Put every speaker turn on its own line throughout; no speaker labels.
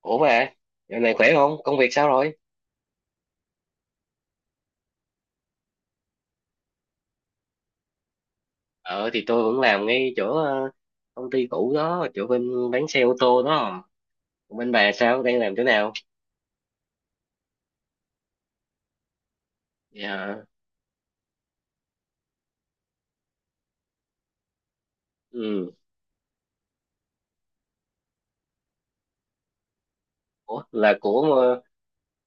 Ủa mà, giờ này khỏe không? Công việc sao rồi? Ờ thì tôi vẫn làm ngay chỗ công ty cũ đó, chỗ bên bán xe ô tô đó. Còn bên bà sao? Đang làm chỗ nào? Dạ. Ừ. Ủa là của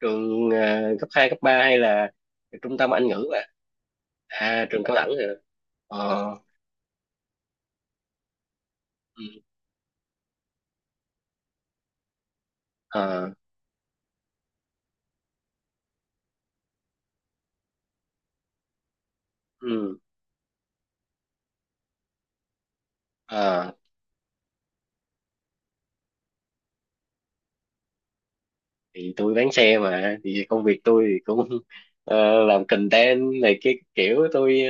trường cấp 2, cấp 3 hay là trung tâm Anh ngữ bà? À, trường cao đẳng rồi. Ờ. Ừ. Ờ. Ừ. Ờ. Thì tôi bán xe mà thì công việc tôi thì cũng làm content này, cái kiểu tôi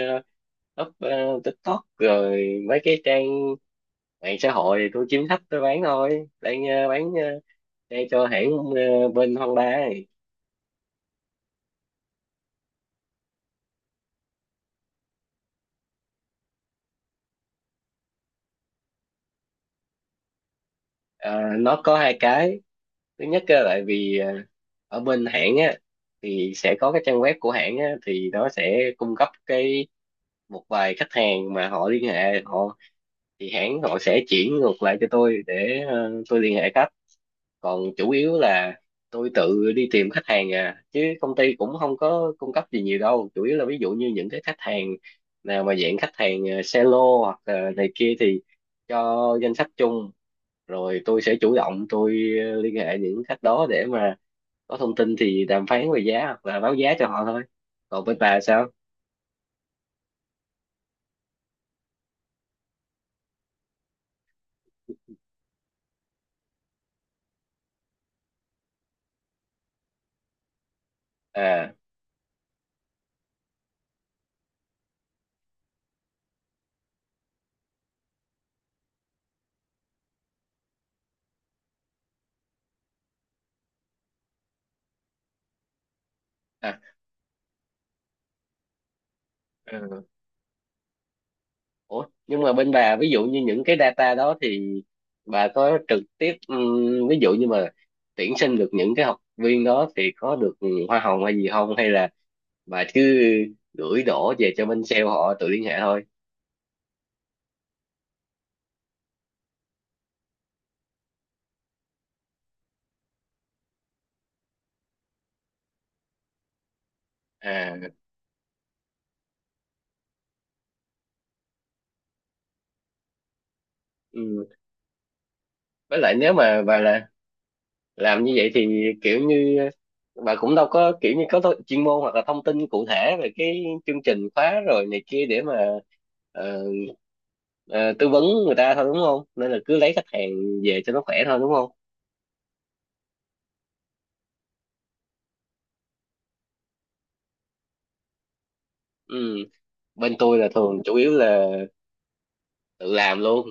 up TikTok rồi mấy cái trang mạng xã hội, thì tôi kiếm khách tôi bán thôi, đang bán xe cho hãng bên Honda này. Ờ, nó có hai cái. Thứ nhất á, tại vì ở bên hãng á, thì sẽ có cái trang web của hãng á, thì nó sẽ cung cấp cái một vài khách hàng mà họ liên hệ họ, thì hãng họ sẽ chuyển ngược lại cho tôi để tôi liên hệ khách. Còn chủ yếu là tôi tự đi tìm khách hàng à, chứ công ty cũng không có cung cấp gì nhiều đâu, chủ yếu là ví dụ như những cái khách hàng nào mà dạng khách hàng xe lô hoặc là này kia thì cho danh sách chung, rồi tôi sẽ chủ động tôi liên hệ những khách đó để mà có thông tin thì đàm phán về giá hoặc là báo giá cho họ thôi. Còn bên bà sao? À. À. Ủa, nhưng mà bên bà ví dụ như những cái data đó thì bà có trực tiếp ví dụ như mà tuyển sinh được những cái học viên đó thì có được hoa hồng hay gì không, hay là bà cứ gửi đổ về cho bên sale họ tự liên hệ thôi? À. Ừm. Với lại nếu mà bà là làm như vậy thì kiểu như bà cũng đâu có kiểu như có chuyên môn hoặc là thông tin cụ thể về cái chương trình khóa rồi này kia để mà ờ, ờ, tư vấn người ta thôi, đúng không? Nên là cứ lấy khách hàng về cho nó khỏe thôi, đúng không? Ừ. Bên tôi là thường chủ yếu là tự làm luôn.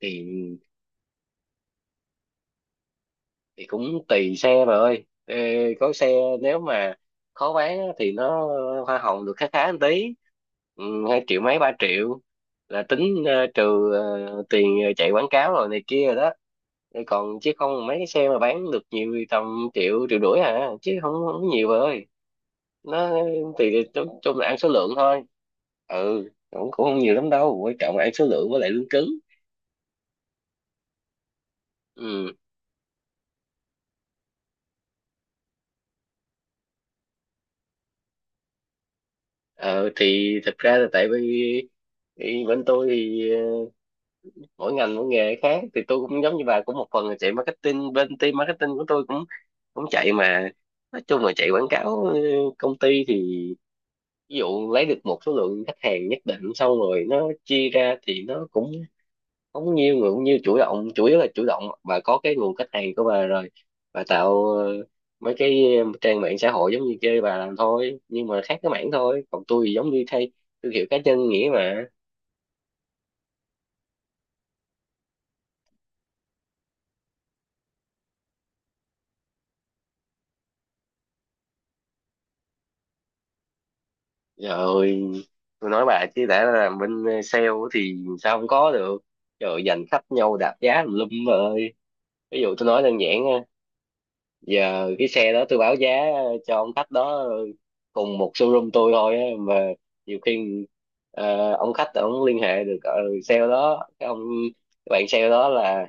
Thì thì cũng tùy xe bà ơi. Ê, có xe nếu mà khó bán á, thì nó hoa hồng được khá khá một tí. Ừ, 2 triệu mấy 3 triệu là tính trừ tiền chạy quảng cáo rồi này kia rồi đó. Rồi còn chứ không mấy cái xe mà bán được nhiều thì tầm triệu triệu rưỡi à, chứ không không nhiều bà ơi. Nó thì chung chung là ăn số lượng thôi. Ừ, cũng cũng không nhiều lắm đâu, quan trọng là ăn số lượng với lại lương cứng. Ừ. Ờ, thì thật ra là tại vì thì bên tôi thì mỗi ngành mỗi nghề khác, thì tôi cũng giống như bà cũng một phần là chạy marketing, bên team marketing của tôi cũng cũng chạy mà, nói chung là chạy quảng cáo. Ờ, Công ty thì ví dụ lấy được một số lượng khách hàng nhất định xong rồi nó chia ra thì nó cũng không nhiều, người cũng nhiều chủ động, chủ yếu là chủ động. Bà có cái nguồn khách hàng của bà rồi, bà tạo mấy cái trang mạng xã hội giống như kia bà làm thôi, nhưng mà khác cái mảng thôi, còn tôi thì giống như thay thương hiệu cá nhân nghĩa mà. Trời ơi, tôi nói bà chứ đã làm bên sale thì sao không có được. Trời ơi, giành khách nhau đạp giá tùm lum bà ơi. Ví dụ tôi nói đơn giản, giờ cái xe đó tôi báo giá cho ông khách đó, cùng một showroom tôi thôi á, mà nhiều khi ông khách ông liên hệ được sale đó, cái ông cái bạn sale đó là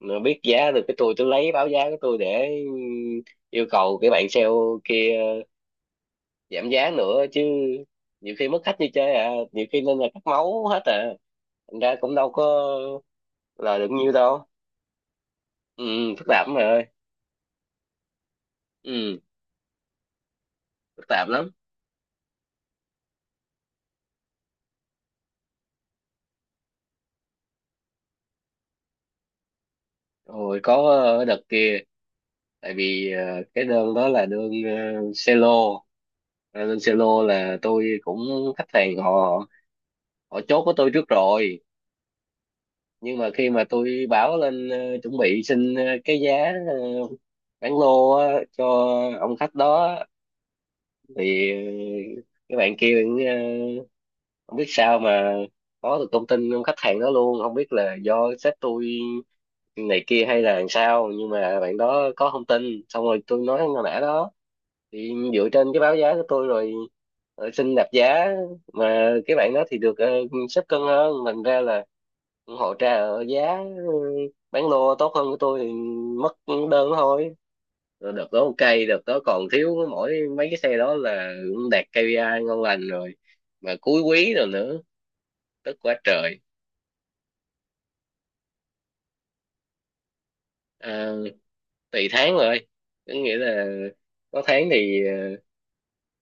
nó biết giá được cái tôi lấy báo giá của tôi để yêu cầu cái bạn sale kia giảm giá nữa chứ. Nhiều khi mất khách như chơi à, nhiều khi nên là cắt máu hết à, thành ra cũng đâu có lời được nhiêu đâu. Ừ, phức tạp lắm mày ơi. Ừ, phức tạp lắm. Rồi có đợt kia, tại vì cái đơn đó là đơn selo. Ờ, đơn selo là tôi cũng, khách hàng họ họ chốt với tôi trước rồi, nhưng mà khi mà tôi báo lên chuẩn bị xin cái giá bán lô á, cho ông khách đó thì cái bạn kia cũng, không biết sao mà có được thông tin ông khách hàng đó luôn, không biết là do sếp tôi này kia hay là làm sao, nhưng mà bạn đó có thông tin, xong rồi tôi nói con nã đó thì dựa trên cái báo giá của tôi rồi xin đạp giá, mà cái bạn đó thì được xếp cân hơn thành ra là họ trả ở giá bán lô tốt hơn của tôi thì mất đơn thôi. Rồi đợt đó ok, đợt đó còn thiếu mỗi mấy cái xe đó là cũng đạt KPI ngon lành rồi mà cuối quý rồi nữa, tức quá trời. À, tùy tháng rồi, có nghĩa là có tháng thì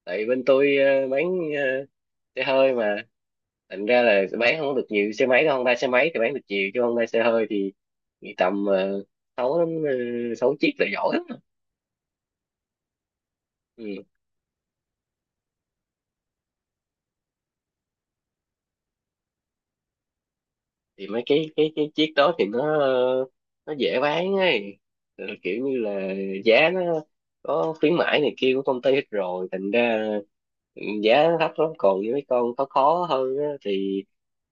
tại bên tôi bán ờ, xe hơi mà thành ra là bán không có được nhiều xe máy đâu. Honda xe máy thì bán được nhiều chứ Honda xe hơi thì, tầm sáu đến sáu chiếc là giỏi lắm. Ừ. Thì mấy cái chiếc đó thì nó dễ bán ấy. Rồi kiểu như là giá nó có khuyến mãi này kia của công ty hết rồi thành ra, ừ, giá nó thấp lắm. Còn như mấy con khó khó hơn á, thì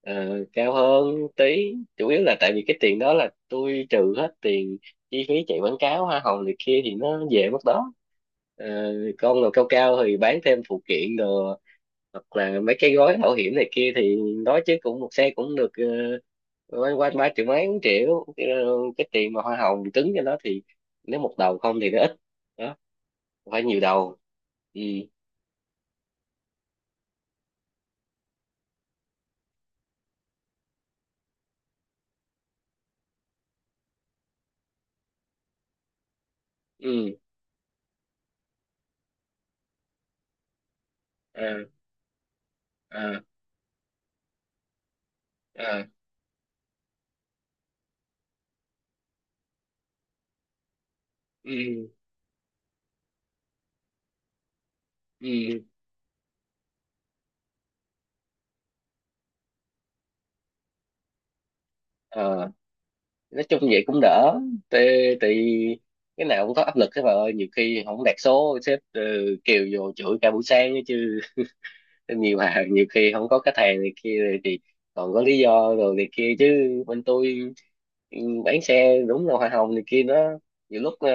cao hơn tí, chủ yếu là tại vì cái tiền đó là tôi trừ hết tiền chi phí chạy quảng cáo hoa hồng này kia thì nó về mất đó. Ờ, con nào cao cao thì bán thêm phụ kiện đồ hoặc là mấy cái gói bảo hiểm này kia thì nói chứ cũng một xe cũng được quanh quanh 3 triệu mấy 4 triệu. Ờ, cái tiền mà hoa hồng cứng cho nó thì nếu một đầu không thì nó ít đó, phải nhiều đầu. Ừ. Ừ. À. À. À. Ừ. Ừ. Ờ, nói chung vậy cũng đỡ. Thì, thì cái nào cũng có áp lực thế bà ơi, nhiều khi không đạt số sếp kêu vô chửi cả buổi sáng ấy chứ. Nhiều hàng nhiều khi không có khách hàng này kia rồi thì còn có lý do rồi này kia chứ. Bên tôi, ừ, bán xe đúng là hoa hồng này kia nó nhiều lúc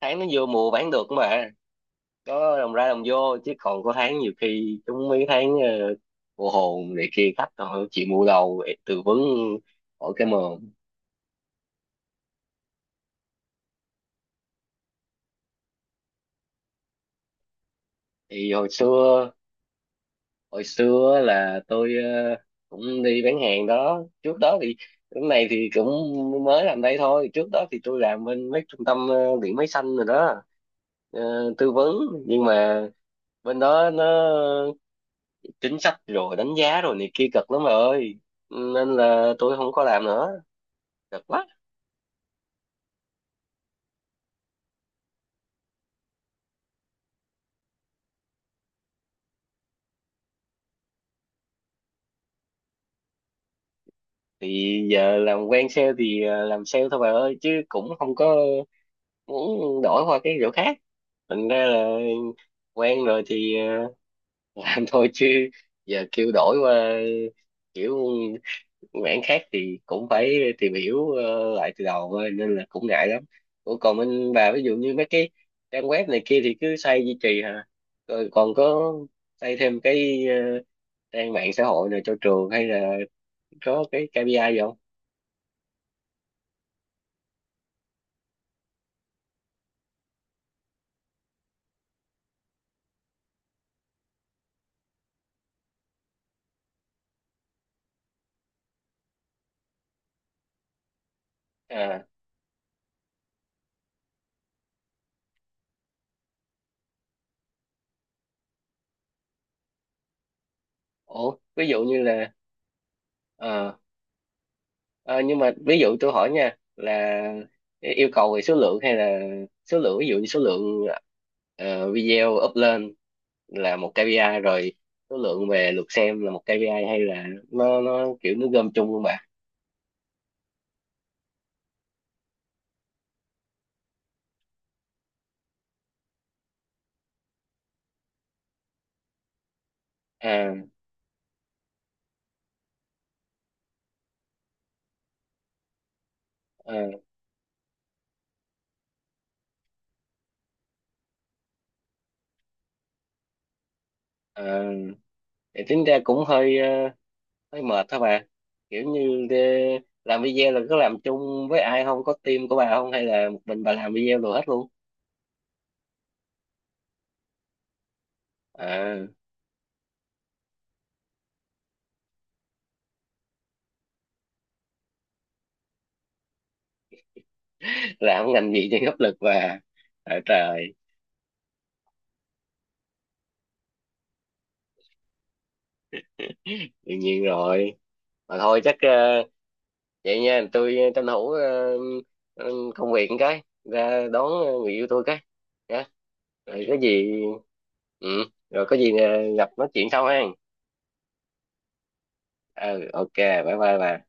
tháng nó vô mùa bán được mà có đồng ra đồng vô, chứ còn có tháng nhiều khi chúng mấy tháng mùa hồn này kia khách họ chịu mua đầu để tư vấn hỏi cái mồm. Thì hồi xưa, là tôi cũng đi bán hàng đó. Trước đó thì lúc này thì cũng mới làm đây thôi, trước đó thì tôi làm bên mấy trung tâm điện máy xanh rồi đó, tư vấn. Nhưng mà bên đó nó chính sách rồi đánh giá rồi này kia cực lắm bà ơi, nên là tôi không có làm nữa, cực quá. Thì giờ làm quen sale thì làm sale thôi bà ơi, chứ cũng không có muốn đổi qua cái chỗ khác. Thành ra là quen rồi thì làm thôi chứ. Giờ kêu đổi qua kiểu mảng khác thì cũng phải tìm hiểu lại từ đầu thôi, nên là cũng ngại lắm. Ủa, còn bên bà ví dụ như mấy cái trang web này kia thì cứ xây duy trì hả? Rồi còn có xây thêm cái trang mạng xã hội này cho trường hay là có cái KPI gì không? À. Ủa, ví dụ như là ờ, Ờ, nhưng mà ví dụ tôi hỏi nha, là yêu cầu về số lượng hay là số lượng, ví dụ như số lượng video up lên là một KPI rồi, số lượng về lượt xem là một KPI, hay là nó kiểu nó gom chung luôn bà? À. À. À. Thì tính ra cũng hơi hơi mệt hả bà? Kiểu như làm video là có làm chung với ai không, có team của bà không, hay là một mình bà làm video rồi hết luôn? À. Làm ngành gì thì áp lực bà. À, trời. Đương nhiên rồi. Mà thôi chắc vậy nha, tôi tranh thủ ờ, công việc một cái ra đón người yêu tôi cái, nhá. Rồi có gì ừ gặp nói chuyện sau ha. Ừ. Ok, bye bye bà.